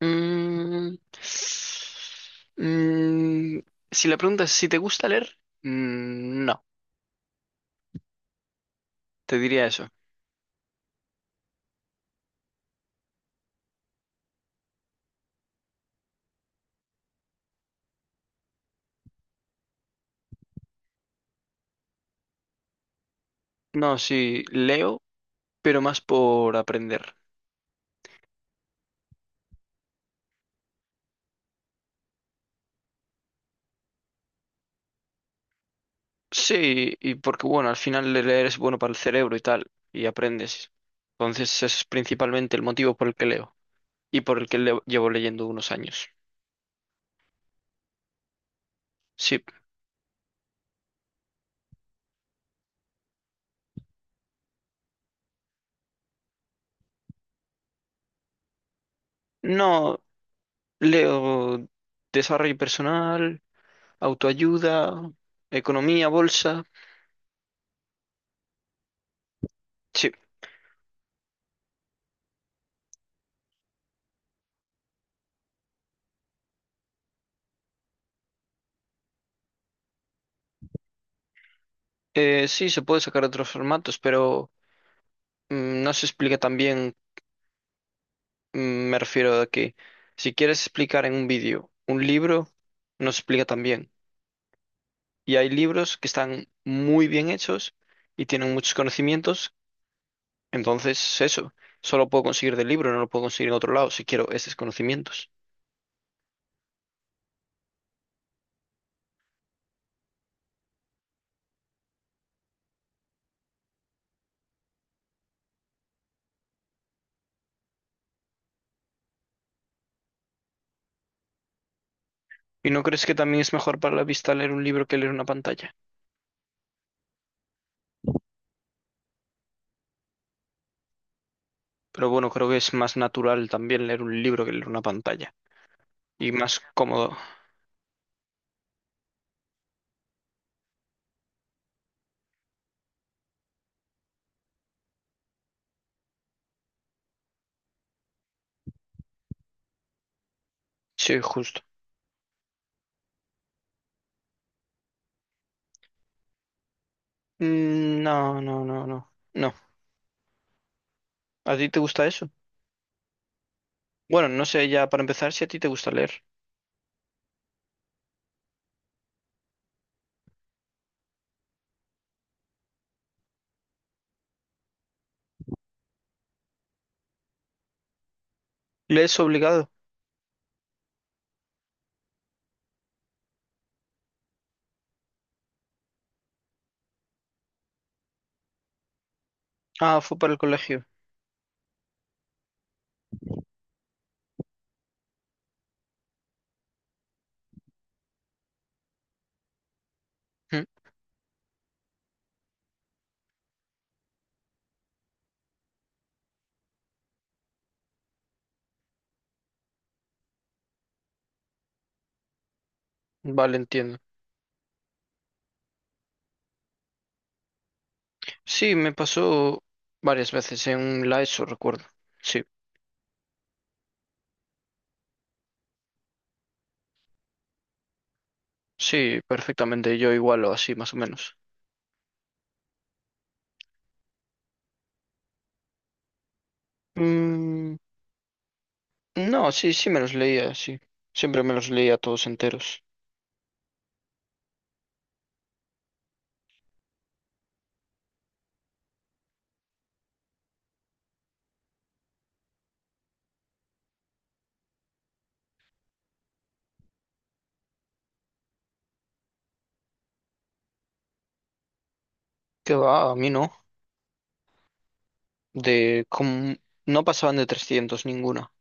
Mm, mm, si la pregunta es si te gusta leer, no, te diría eso. No, sí, leo, pero más por aprender. Sí, y porque bueno, al final leer es bueno para el cerebro y tal, y aprendes. Entonces ese es principalmente el motivo por el que leo y por el que llevo leyendo unos años. Sí, no leo desarrollo personal, autoayuda, economía, bolsa. Sí, sí, se puede sacar otros formatos, pero no se explica tan bien. mm, me refiero a que si quieres explicar en un vídeo un libro, no se explica tan bien. Y hay libros que están muy bien hechos y tienen muchos conocimientos. Entonces, eso, solo puedo conseguir del libro, no lo puedo conseguir en otro lado si quiero esos conocimientos. ¿Y no crees que también es mejor para la vista leer un libro que leer una pantalla? Pero bueno, creo que es más natural también leer un libro que leer una pantalla. Y más cómodo. Sí, justo. Mm, no, no, no, no. No. ¿A ti te gusta eso? Bueno, no sé ya para empezar si a ti te gusta leer. ¿Lees obligado? Ah, fue para el colegio. Mm, vale, entiendo. Sí, me pasó varias veces en la ESO, recuerdo. Sí, sí, perfectamente. Yo igual o así, más o menos. Mm, no, sí, sí me los leía, sí. Siempre me los leía todos enteros. Qué va, a mí no. De como no pasaban de 300 ninguna,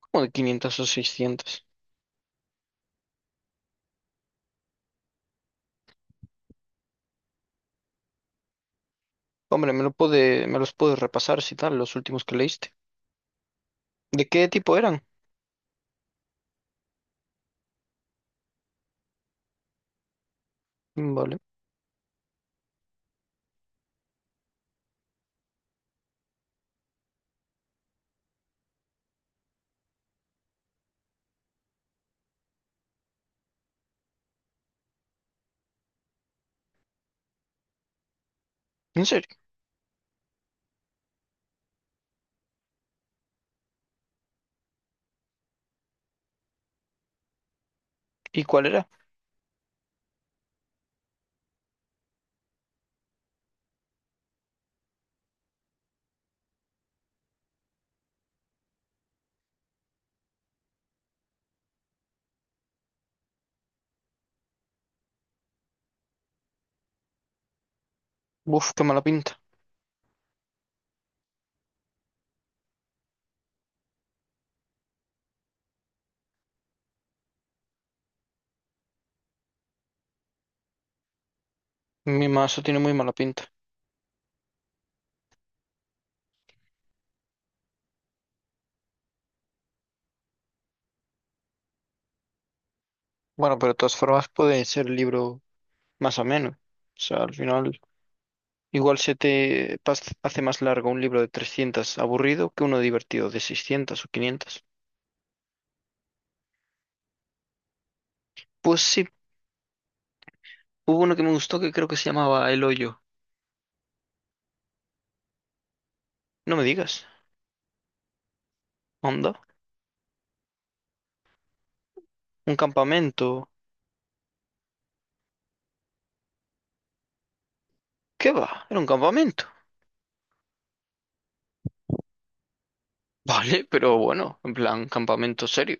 como de quinientos o seiscientos. Hombre, me los pude repasar si tal, los últimos que leíste. ¿De qué tipo eran? Mm, vale. ¿En serio? ¿Y cuál era? Uf, qué mala pinta. Mi mazo tiene muy mala pinta. Bueno, pero de todas formas puede ser libro más o menos. O sea, al final, igual se te pas- hace más largo un libro de 300 aburrido que uno divertido de 600 o 500. Pues sí, hubo uno que me gustó que creo que se llamaba El Hoyo. No me digas, onda, un campamento. ¿Qué va? Era un campamento. Vale, pero bueno, en plan, campamento serio.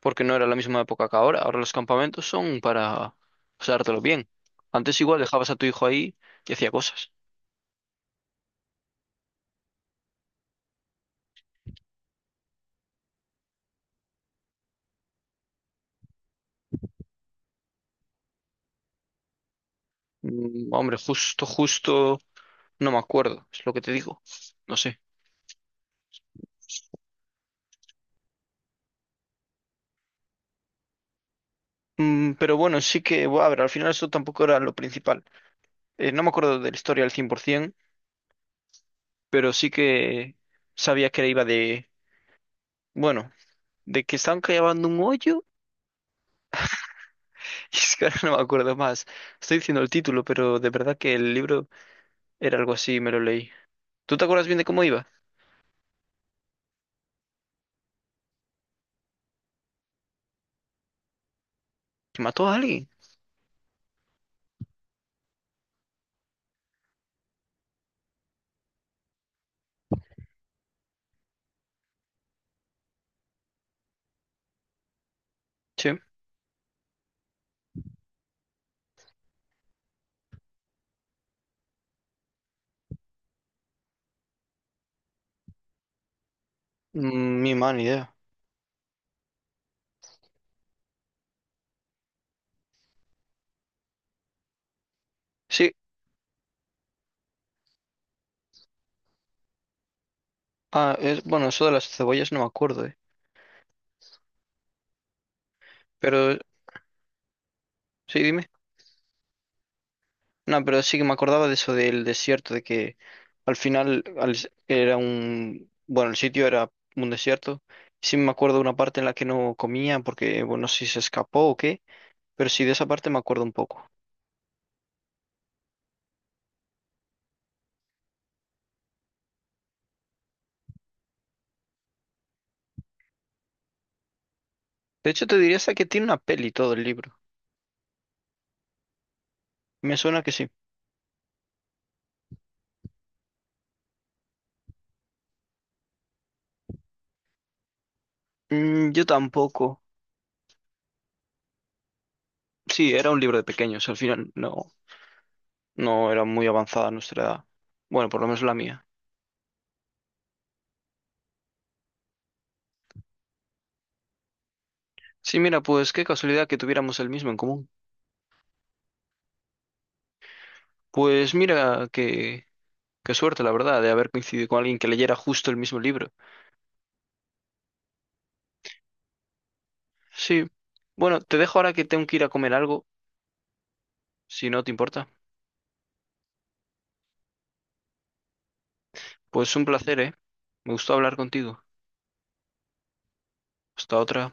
Porque no era la misma época que ahora. Ahora los campamentos son para pasártelo bien. Antes igual dejabas a tu hijo ahí y hacía cosas. Mm, hombre, justo, justo. No me acuerdo, es lo que te digo. No sé. Mm, pero bueno, sí que, bueno, a ver, al final eso tampoco era lo principal. No me acuerdo de la historia al 100%, pero sí que sabía que iba de, bueno, de que estaban cavando un hoyo. Es que ahora no me acuerdo más. Estoy diciendo el título, pero de verdad que el libro era algo así, me lo leí. ¿Tú te acuerdas bien de cómo iba? ¿Que mató a alguien? Sí. Mm, ni mala idea. Sí, ah, es, bueno, eso de las cebollas no me acuerdo, eh. Pero sí, dime. No, pero sí que me acordaba de eso del desierto, de que al final al- era un... Bueno, el sitio era un desierto. Sí me acuerdo de una parte en la que no comía porque, bueno, no sé si se escapó o qué, pero sí de esa parte me acuerdo un poco. De hecho, te diría hasta que tiene una peli todo el libro. Me suena que sí. Mm, yo tampoco. Sí, era un libro de pequeños, al final no, no era muy avanzada nuestra edad. Bueno, por lo menos la mía. Sí, mira, pues qué casualidad que tuviéramos el mismo en común. Pues mira que... Qué suerte, la verdad, de haber coincidido con alguien que leyera justo el mismo libro. Sí. Bueno, te dejo ahora que tengo que ir a comer algo, si no te importa. Pues un placer, ¿eh? Me gustó hablar contigo. Hasta otra.